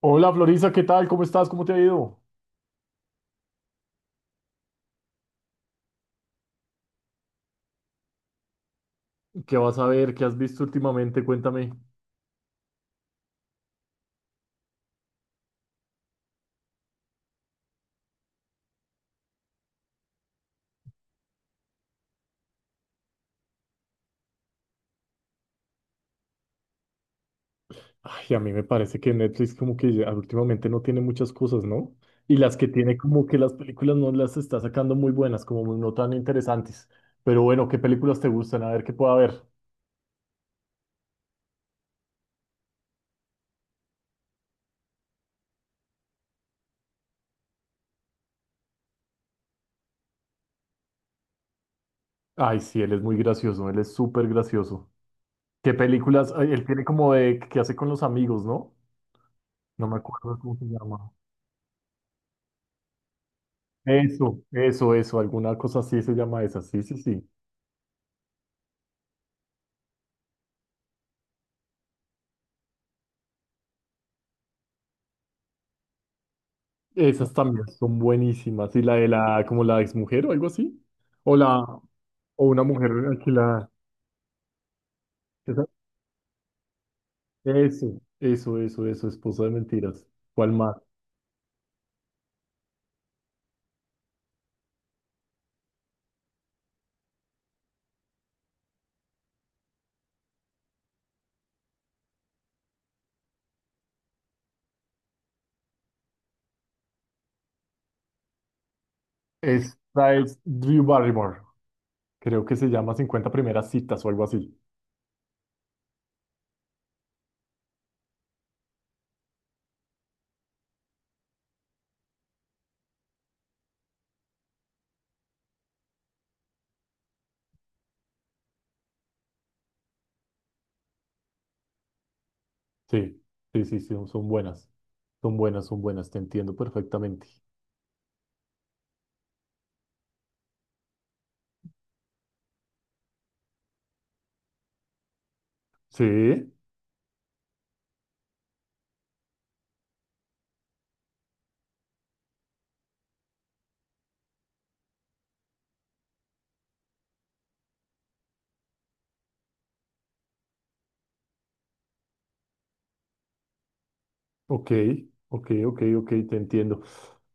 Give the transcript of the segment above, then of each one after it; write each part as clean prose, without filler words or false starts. Hola Florisa, ¿qué tal? ¿Cómo estás? ¿Cómo te ha ido? ¿Qué vas a ver? ¿Qué has visto últimamente? Cuéntame. Ay, a mí me parece que Netflix como que ya últimamente no tiene muchas cosas, ¿no? Y las que tiene como que las películas no las está sacando muy buenas, como no tan interesantes. Pero bueno, ¿qué películas te gustan? A ver qué pueda haber. Ay, sí, él es muy gracioso, él es súper gracioso. ¿Qué películas? Ay, él tiene como de que hace con los amigos, ¿no? No me acuerdo cómo se llama. Eso, alguna cosa así se llama esa. Sí, sí, sí. Esas también son buenísimas. Y la de la, como la ex mujer o algo así. O la, o una mujer alquilada. Esa- eso, eso, eso, eso, esposa de mentiras. ¿Cuál más? Esta es Drew Barrymore. Creo que se llama 50 primeras citas o algo así. Sí, sí, sí, sí, son buenas. Son buenas, son buenas, te entiendo perfectamente. Sí. Ok, ok, ok, ok, te entiendo.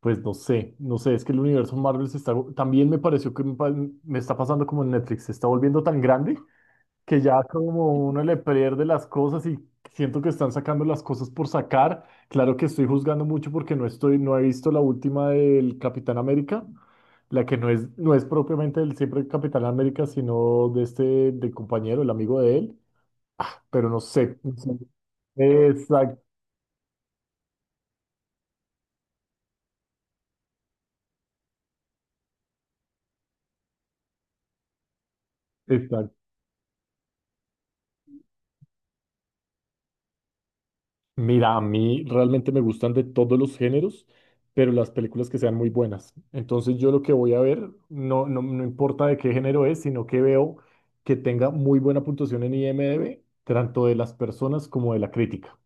Pues no sé, no sé, es que el universo Marvel se está, también me pareció que me, me está pasando como en Netflix, se está volviendo tan grande que ya como uno le pierde las cosas y siento que están sacando las cosas por sacar. Claro que estoy juzgando mucho porque no estoy, no he visto la última del Capitán América, la que no es, no es propiamente del siempre Capitán América, sino de este, del compañero, el amigo de él, pero no sé. No sé. Exacto. Mira, a mí realmente me gustan de todos los géneros, pero las películas que sean muy buenas. Entonces yo lo que voy a ver, no, no, no importa de qué género es, sino que veo que tenga muy buena puntuación en IMDb, tanto de las personas como de la crítica.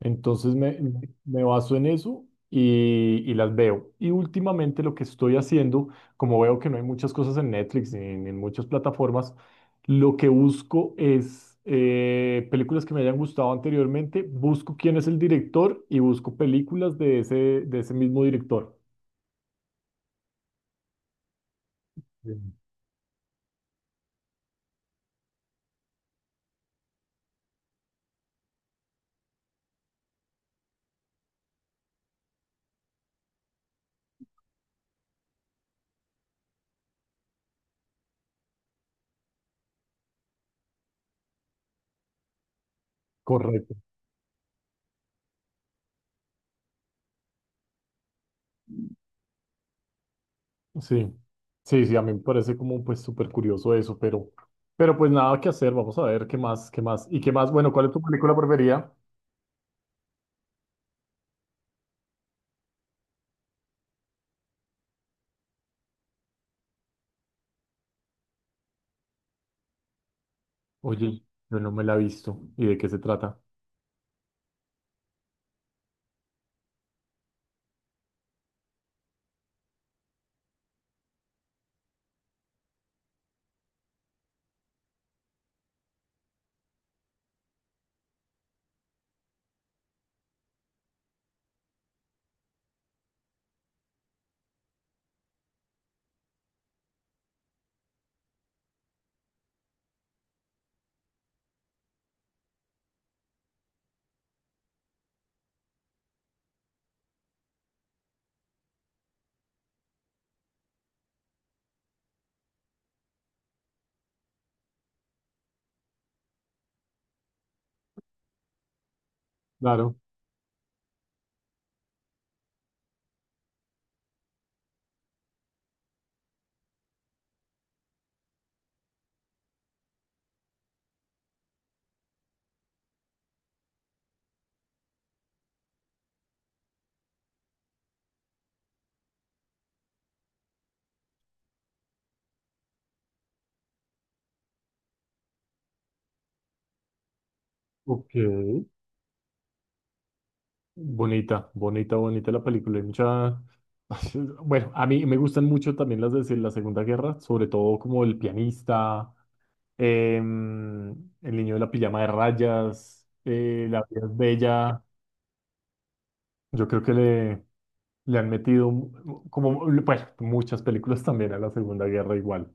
Entonces me, me baso en eso y las veo. Y últimamente lo que estoy haciendo, como veo que no hay muchas cosas en Netflix ni en, en muchas plataformas, lo que busco es películas que me hayan gustado anteriormente, busco quién es el director y busco películas de ese mismo director. Bien. Correcto. Sí, sí, sí, a mí me parece como pues súper curioso eso, pero pues nada que hacer, vamos a ver qué más, qué más. ¿Y qué más? Bueno, ¿cuál es tu película preferida? Oye, yo no me la he visto. ¿Y de qué se trata? Claro. Ok. Bonita, bonita, bonita la película. Hay mucha... Bueno, a mí me gustan mucho también las de la Segunda Guerra, sobre todo como El pianista, em, El niño de la pijama de rayas, La vida es bella. Yo creo que le han metido como, bueno, muchas películas también a la Segunda Guerra igual.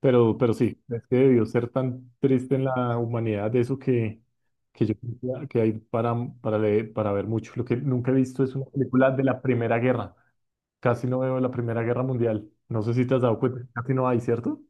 Pero sí, es que debió ser tan triste en la humanidad eso que yo creo que hay para, para ver mucho. Lo que nunca he visto es una película de la Primera Guerra. Casi no veo la Primera Guerra Mundial. No sé si te has dado cuenta, casi no hay, ¿cierto?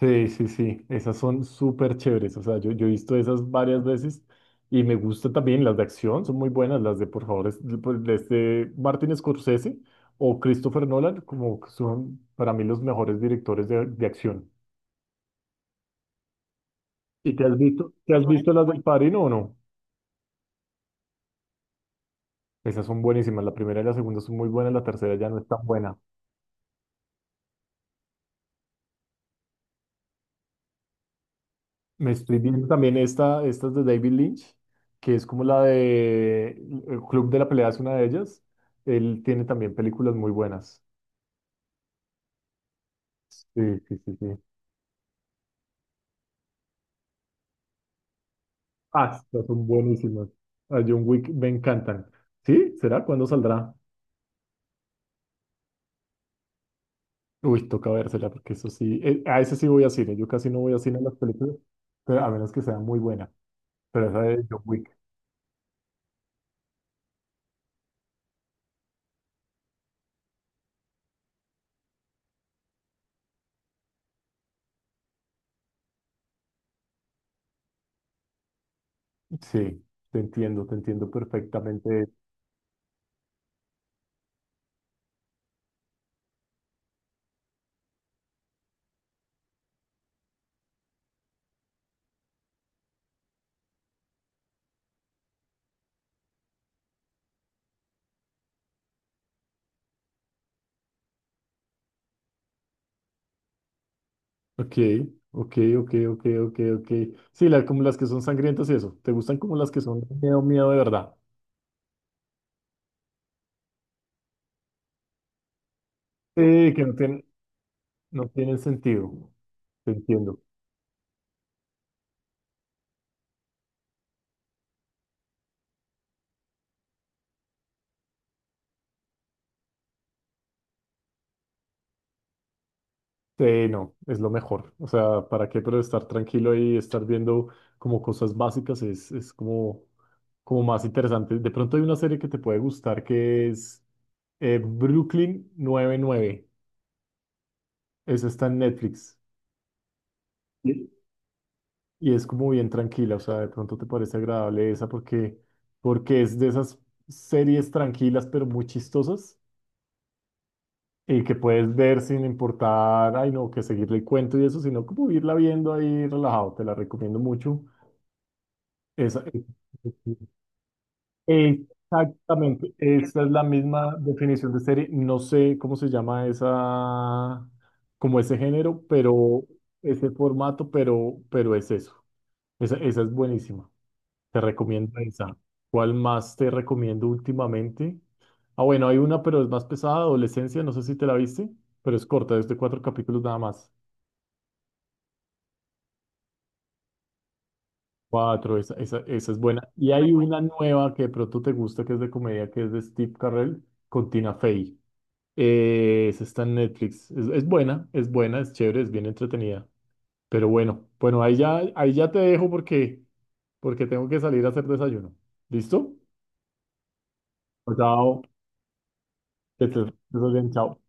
Sí, sí, sí, esas son súper chéveres. O sea, yo he visto esas varias veces y me gusta también las de acción, son muy buenas las de, por favor, de, pues, de este Martin Scorsese o Christopher Nolan, como que son para mí los mejores directores de acción. ¿Y te has visto, te has bueno, visto las del Padrino o no? Esas son buenísimas, la primera y la segunda son muy buenas, la tercera ya no es tan buena. Me estoy viendo también estas de David Lynch, que es como la de El Club de la Pelea, es una de ellas. Él tiene también películas muy buenas. Sí, sí, sí, sí. Ah, estas son buenísimas. A John Wick me encantan. ¿Sí? ¿Será? ¿Cuándo saldrá? Uy, toca vérsela, porque eso sí. A ese sí voy a cine. Yo casi no voy a cine a las películas, pero a menos que sea muy buena. Pero esa de John Wick. Sí, te entiendo perfectamente. Ok, ok, ok, ok, ok, ok. Sí, como las que son sangrientas y eso. ¿Te gustan como las que son miedo, miedo de verdad? Que no tienen, no tienen sentido. Te entiendo. No, es lo mejor. O sea, ¿para qué? Pero estar tranquilo y estar viendo como cosas básicas es como, como más interesante. De pronto hay una serie que te puede gustar que es Brooklyn 99. Eso está en Netflix. Sí. Y es como bien tranquila. O sea, de pronto te parece agradable esa porque, porque es de esas series tranquilas pero muy chistosas y que puedes ver sin importar, ay no, que seguirle el cuento y eso, sino como irla viendo ahí relajado. Te la recomiendo mucho. Esa- exactamente, esa es la misma definición de serie. No sé cómo se llama esa, como ese género, pero ese formato, pero es eso. Esa es buenísima. Te recomiendo esa. ¿Cuál más te recomiendo últimamente? Ah, bueno, hay una, pero es más pesada, Adolescencia, no sé si te la viste, pero es corta, es de 4 capítulos nada más. 4, esa, esa, esa es buena. Y muy hay buena. Una nueva que de pronto te gusta, que es de comedia, que es de Steve Carell con Tina Fey. Esa está en Netflix. Es buena, es buena, es chévere, es bien entretenida. Pero bueno, bueno, ahí ya te dejo porque, porque tengo que salir a hacer desayuno. ¿Listo? Chao. Que estés bien, chao.